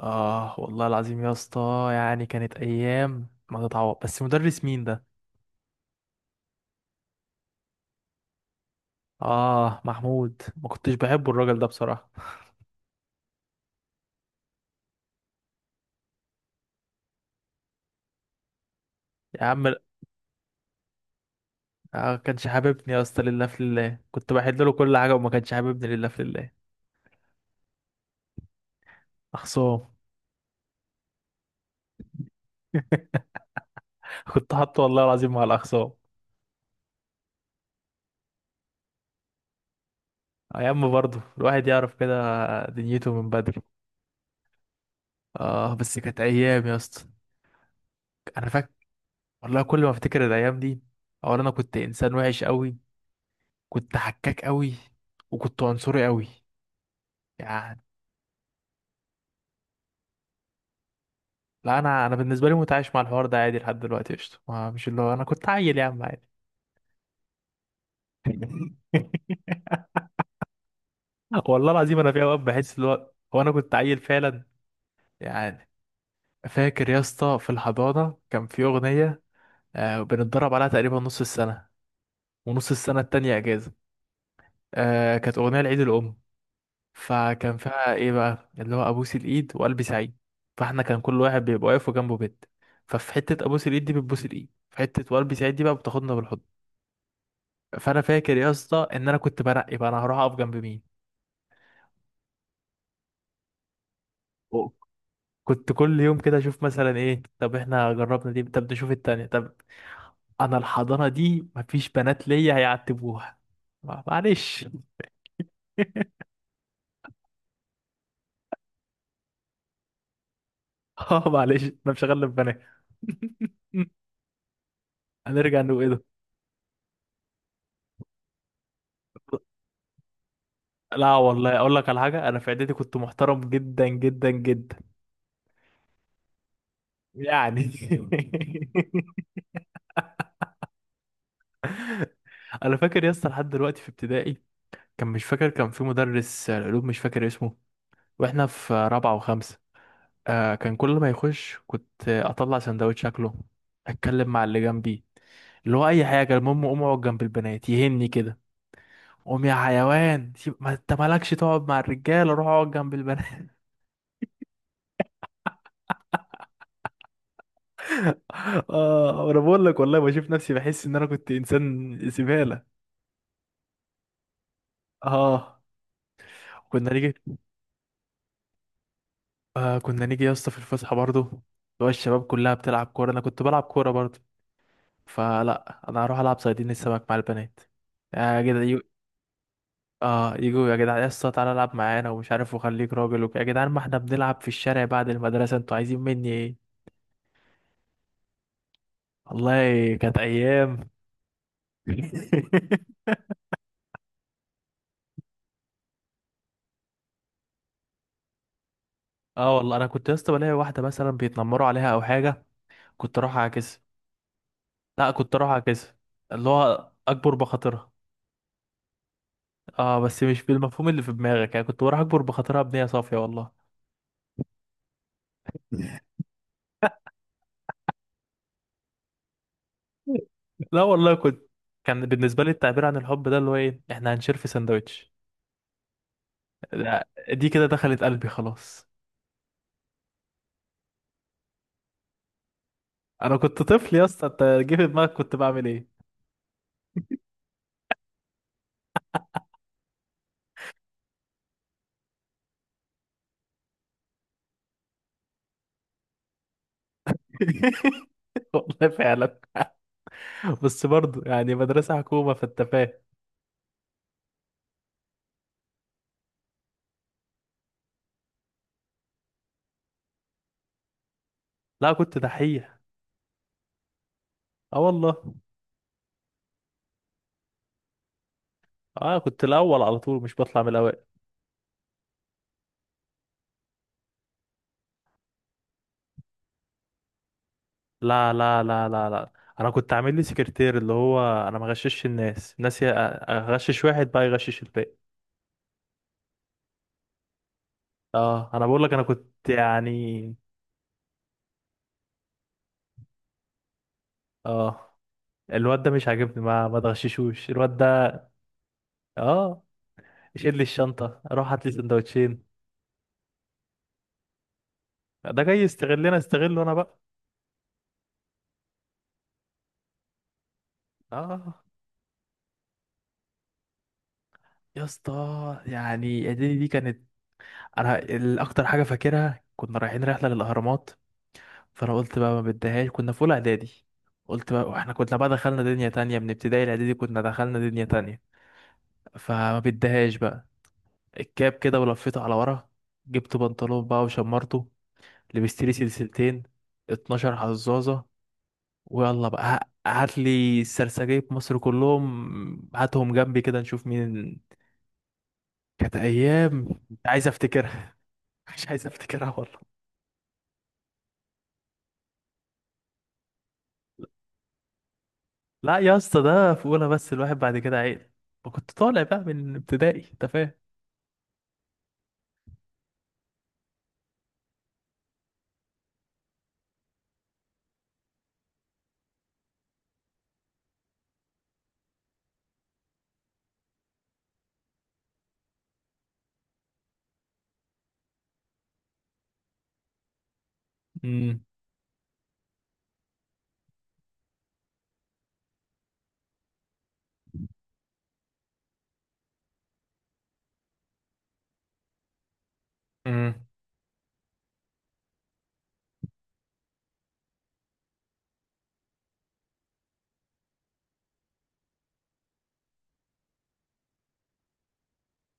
اه، والله العظيم يا اسطى، يعني كانت ايام ما تتعوض. بس مدرس مين ده؟ اه، محمود. ما كنتش بحبه الراجل ده بصراحه. يا عم ما. آه، كانش حاببني يا اسطى، لله في لله كنت بحل له كل حاجه وما كانش حاببني لله في لله. اخصام. كنت حاطه والله العظيم مع الاخصام. ايام، برضه الواحد يعرف كده دنيته من بدري. اه، بس كانت ايام يا اسطى. انا فاكر، والله كل ما افتكر الايام دي، اولا انا كنت انسان وحش قوي، كنت حكاك قوي، وكنت عنصري قوي. يعني لا، انا بالنسبه لي متعايش مع الحوار ده عادي لحد دلوقتي قشطه، مش اللي هو انا كنت عيل يا عم عادي. والله العظيم انا في اوقات بحس اللي هو انا كنت عيل فعلا. يعني فاكر يا اسطى في الحضانه كان في اغنيه، آه بنتدرب عليها تقريبا نص السنه، ونص السنه التانية اجازه. آه، كانت اغنيه لعيد الام، فكان فيها ايه بقى اللي هو ابوس الايد وقلبي سعيد. فاحنا كان كل واحد بيبقى واقف وجنبه بنت، ففي حته ابوس الايد دي بتبوس الايد، في حته وقلبي سعيد دي بقى بتاخدنا بالحضن. فانا فاكر يا اسطى ان انا كنت بنقي بقى انا هروح اقف جنب مين. و- كنت كل يوم كده اشوف مثلا ايه، طب احنا جربنا دي، طب نشوف التانية، طب انا الحضانة دي مفيش بنات ليا هيعتبوها. معلش. اه، معلش انا مش هغلب بنات. هنرجع نقول ايه ده. لا والله اقول لك على حاجة، انا في اعدادي كنت محترم جدا جدا جدا. يعني انا فاكر يا اسطى لحد دلوقتي في ابتدائي، كان مش فاكر، كان في مدرس العلوم مش فاكر اسمه، واحنا في رابعة وخمسة. آه، كان كل ما يخش كنت اطلع سندوتش اكله، اتكلم مع اللي جنبي، اللي هو اي حاجة. المهم اقوم اقعد جنب البنات يهني كده. قوم يا حيوان، ما انت مالكش تقعد مع الرجالة، روح اقعد جنب البنات. اه، انا بقول لك والله بشوف نفسي، بحس ان انا كنت انسان زبالة. اه، كنا نيجي. آه، كنا نيجي يا اسطى في الفسحة، برضه اللي هو الشباب كلها بتلعب كورة، انا كنت بلعب كورة برضه. فلا، انا هروح العب صيادين السمك مع البنات، آه كده. اه، يجوا يا جدعان يا اسطى تعالى العب معانا ومش عارف وخليك راجل يا جدعان ما احنا بنلعب في الشارع بعد المدرسة، انتوا عايزين مني ايه. والله كانت ايام. اه، والله انا كنت يا اسطى بلاقي واحدة مثلا بيتنمروا عليها او حاجة، كنت اروح اعكسها. لا، كنت اروح اعكسها اللي هو اكبر بخاطرها. اه، بس مش بالمفهوم اللي في دماغك، يعني كنت بروح اكبر بخاطرها بنية صافية والله. لا والله كنت، كان بالنسبة لي التعبير عن الحب ده اللي هو ايه، احنا هنشير في سندوتش. لا، دي كده دخلت قلبي خلاص. انا كنت طفل يا اسطى، انت جه في دماغك كنت بعمل ايه. والله فعلا. بس برضه يعني مدرسه حكومه فانت فاهم. لا، كنت دحيح. اه والله. اه، كنت الاول على طول، مش بطلع من الاوائل. لا لا لا لا لا. انا كنت عامل لي سكرتير اللي هو انا ما غششش الناس، الناس اغشش واحد بقى يغشش الباقي. اه، انا بقول لك انا كنت يعني. اه، الواد ده مش عاجبني، ما تغششوش الواد ده. اه، شيل لي الشنطه، روح هات لي سندوتشين. ده جاي يستغلنا، استغله انا بقى. اه، يا اسطى يعني اعدادي دي كانت، انا الاكتر حاجه فاكرها كنا رايحين رحله للاهرامات. فانا قلت بقى ما بديهاش، كنا في اولى اعدادي. قلت بقى، واحنا كنا بقى دخلنا دنيا تانية من ابتدائي، الاعدادي كنا دخلنا دنيا تانية. فما بديهاش بقى. الكاب كده ولفيته على ورا، جبت بنطلون بقى وشمرته، لبست لي سلسلتين، 12 حزازه. ويلا بقى، هات لي السرسجيه في مصر كلهم هاتهم جنبي كده نشوف مين. كانت ايام مش عايز افتكرها. مش عايز افتكرها والله. لا يا اسطى، ده في اولى بس، الواحد بعد كده عيل، كنت طالع بقى من ابتدائي انت فاهم. امم امم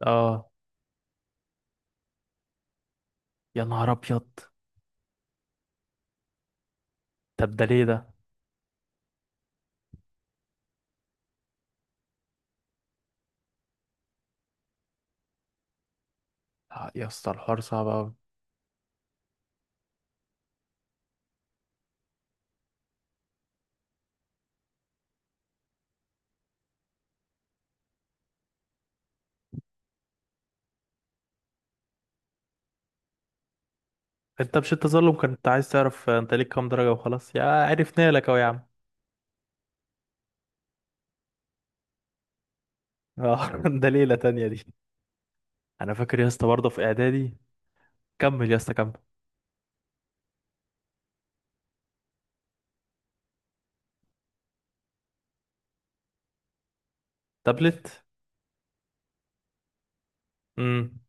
اه، يا نهار ابيض. طب ده ليه ده؟ يا اسطى الحوار صعب قوي. انت مش التظلم كنت عايز تعرف انت ليك كام درجه؟ وخلاص، يا عرفنا لك اهو يا عم. اه ده ليله تانية دي. انا فاكر يا اسطى برضه في اعدادي. كمل يا اسطى، كمل. تابلت. امم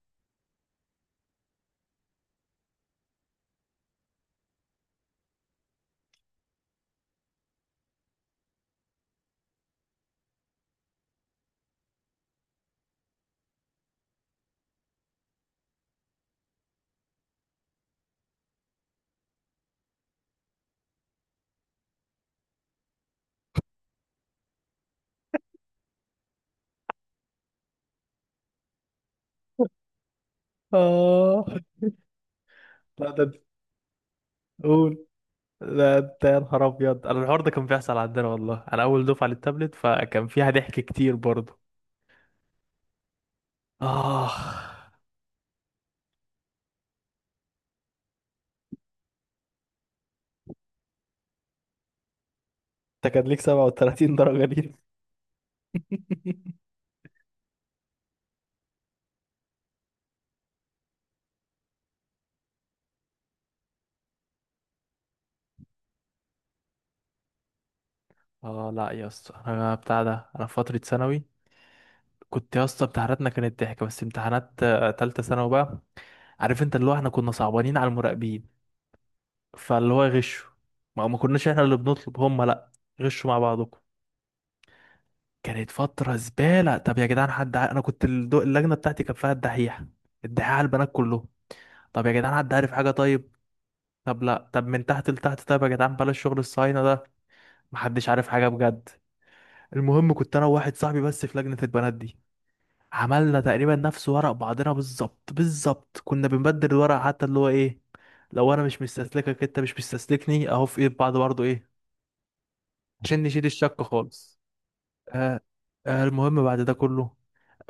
اه، لا ده. قول. ده انت يا نهار ابيض، انا الحوار ده كان بيحصل عندنا والله، انا اول دفعه للتابلت، فكان فيها ضحك كتير برضه. اه، انت كان ليك 37 درجة دي. اه، لا يا اسطى، انا بتاع ده. انا في فتره ثانوي كنت يا اسطى امتحاناتنا كانت ضحك، بس امتحانات تالتة ثانوي بقى، عارف انت اللي هو احنا كنا صعبانين على المراقبين، فاللي هو غشوا. ما كناش احنا اللي بنطلب هم، لا، غشوا مع بعضكم. كانت فتره زباله. طب يا جدعان حد انا كنت اللجنه بتاعتي كان فيها الدحيح، الدحيح على البنات كلهم. طب يا جدعان حد عارف حاجة طيب؟ طب لا، طب من تحت لتحت، طيب يا جدعان بلاش شغل الصهاينة ده، محدش عارف حاجة بجد. المهم كنت انا وواحد صاحبي بس في لجنة البنات دي، عملنا تقريبا نفس ورق بعضنا بالظبط بالظبط، كنا بنبدل الورق حتى اللي هو ايه، لو انا مش مستسلكك انت مش مستسلكني اهو في ايد بعض برضه ايه، عشان نشيل الشك خالص. آه المهم بعد ده كله،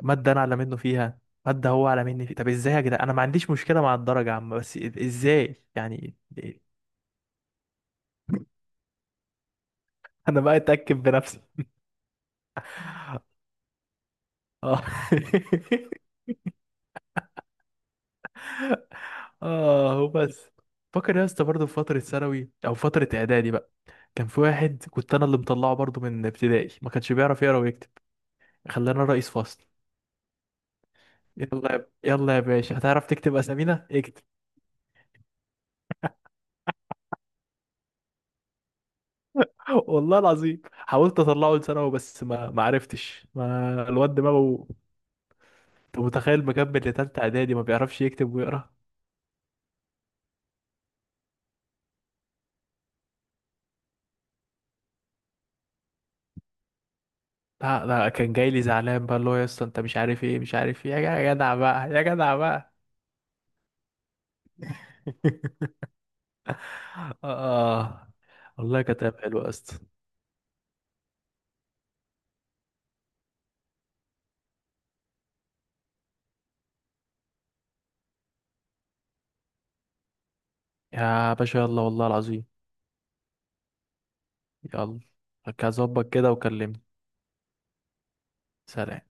مادة انا اعلى منه فيها، مادة هو اعلى مني فيها. طب ازاي يا جدعان؟ انا ما عنديش مشكلة مع الدرجة يا عم، بس ازاي يعني. انا بقى اتاكد بنفسي. اه اه، وبس. فاكر يا اسطى برضه في فتره ثانوي او فتره اعدادي بقى، كان في واحد كنت انا اللي مطلعه برضه من ابتدائي، ما كانش بيعرف يقرا ويكتب، خلانا رئيس فصل. يلا يا باشا، هتعرف تكتب اسامينا، اكتب. والله العظيم حاولت اطلعه لثانوي بس ما عرفتش، ما الواد دماغه. انت متخيل مكمل لتالتة اعدادي ما بيعرفش يكتب ويقرا. لا لا، كان جاي لي زعلان بقى اللي هو يا اسطى انت مش عارف ايه، مش عارف ايه يا جدع بقى يا جدع بقى. آه والله كانت أيام حلوة يا اسطى. يا باشا يلا، والله العظيم. يلا. هظبط كده وكلمني. سلام.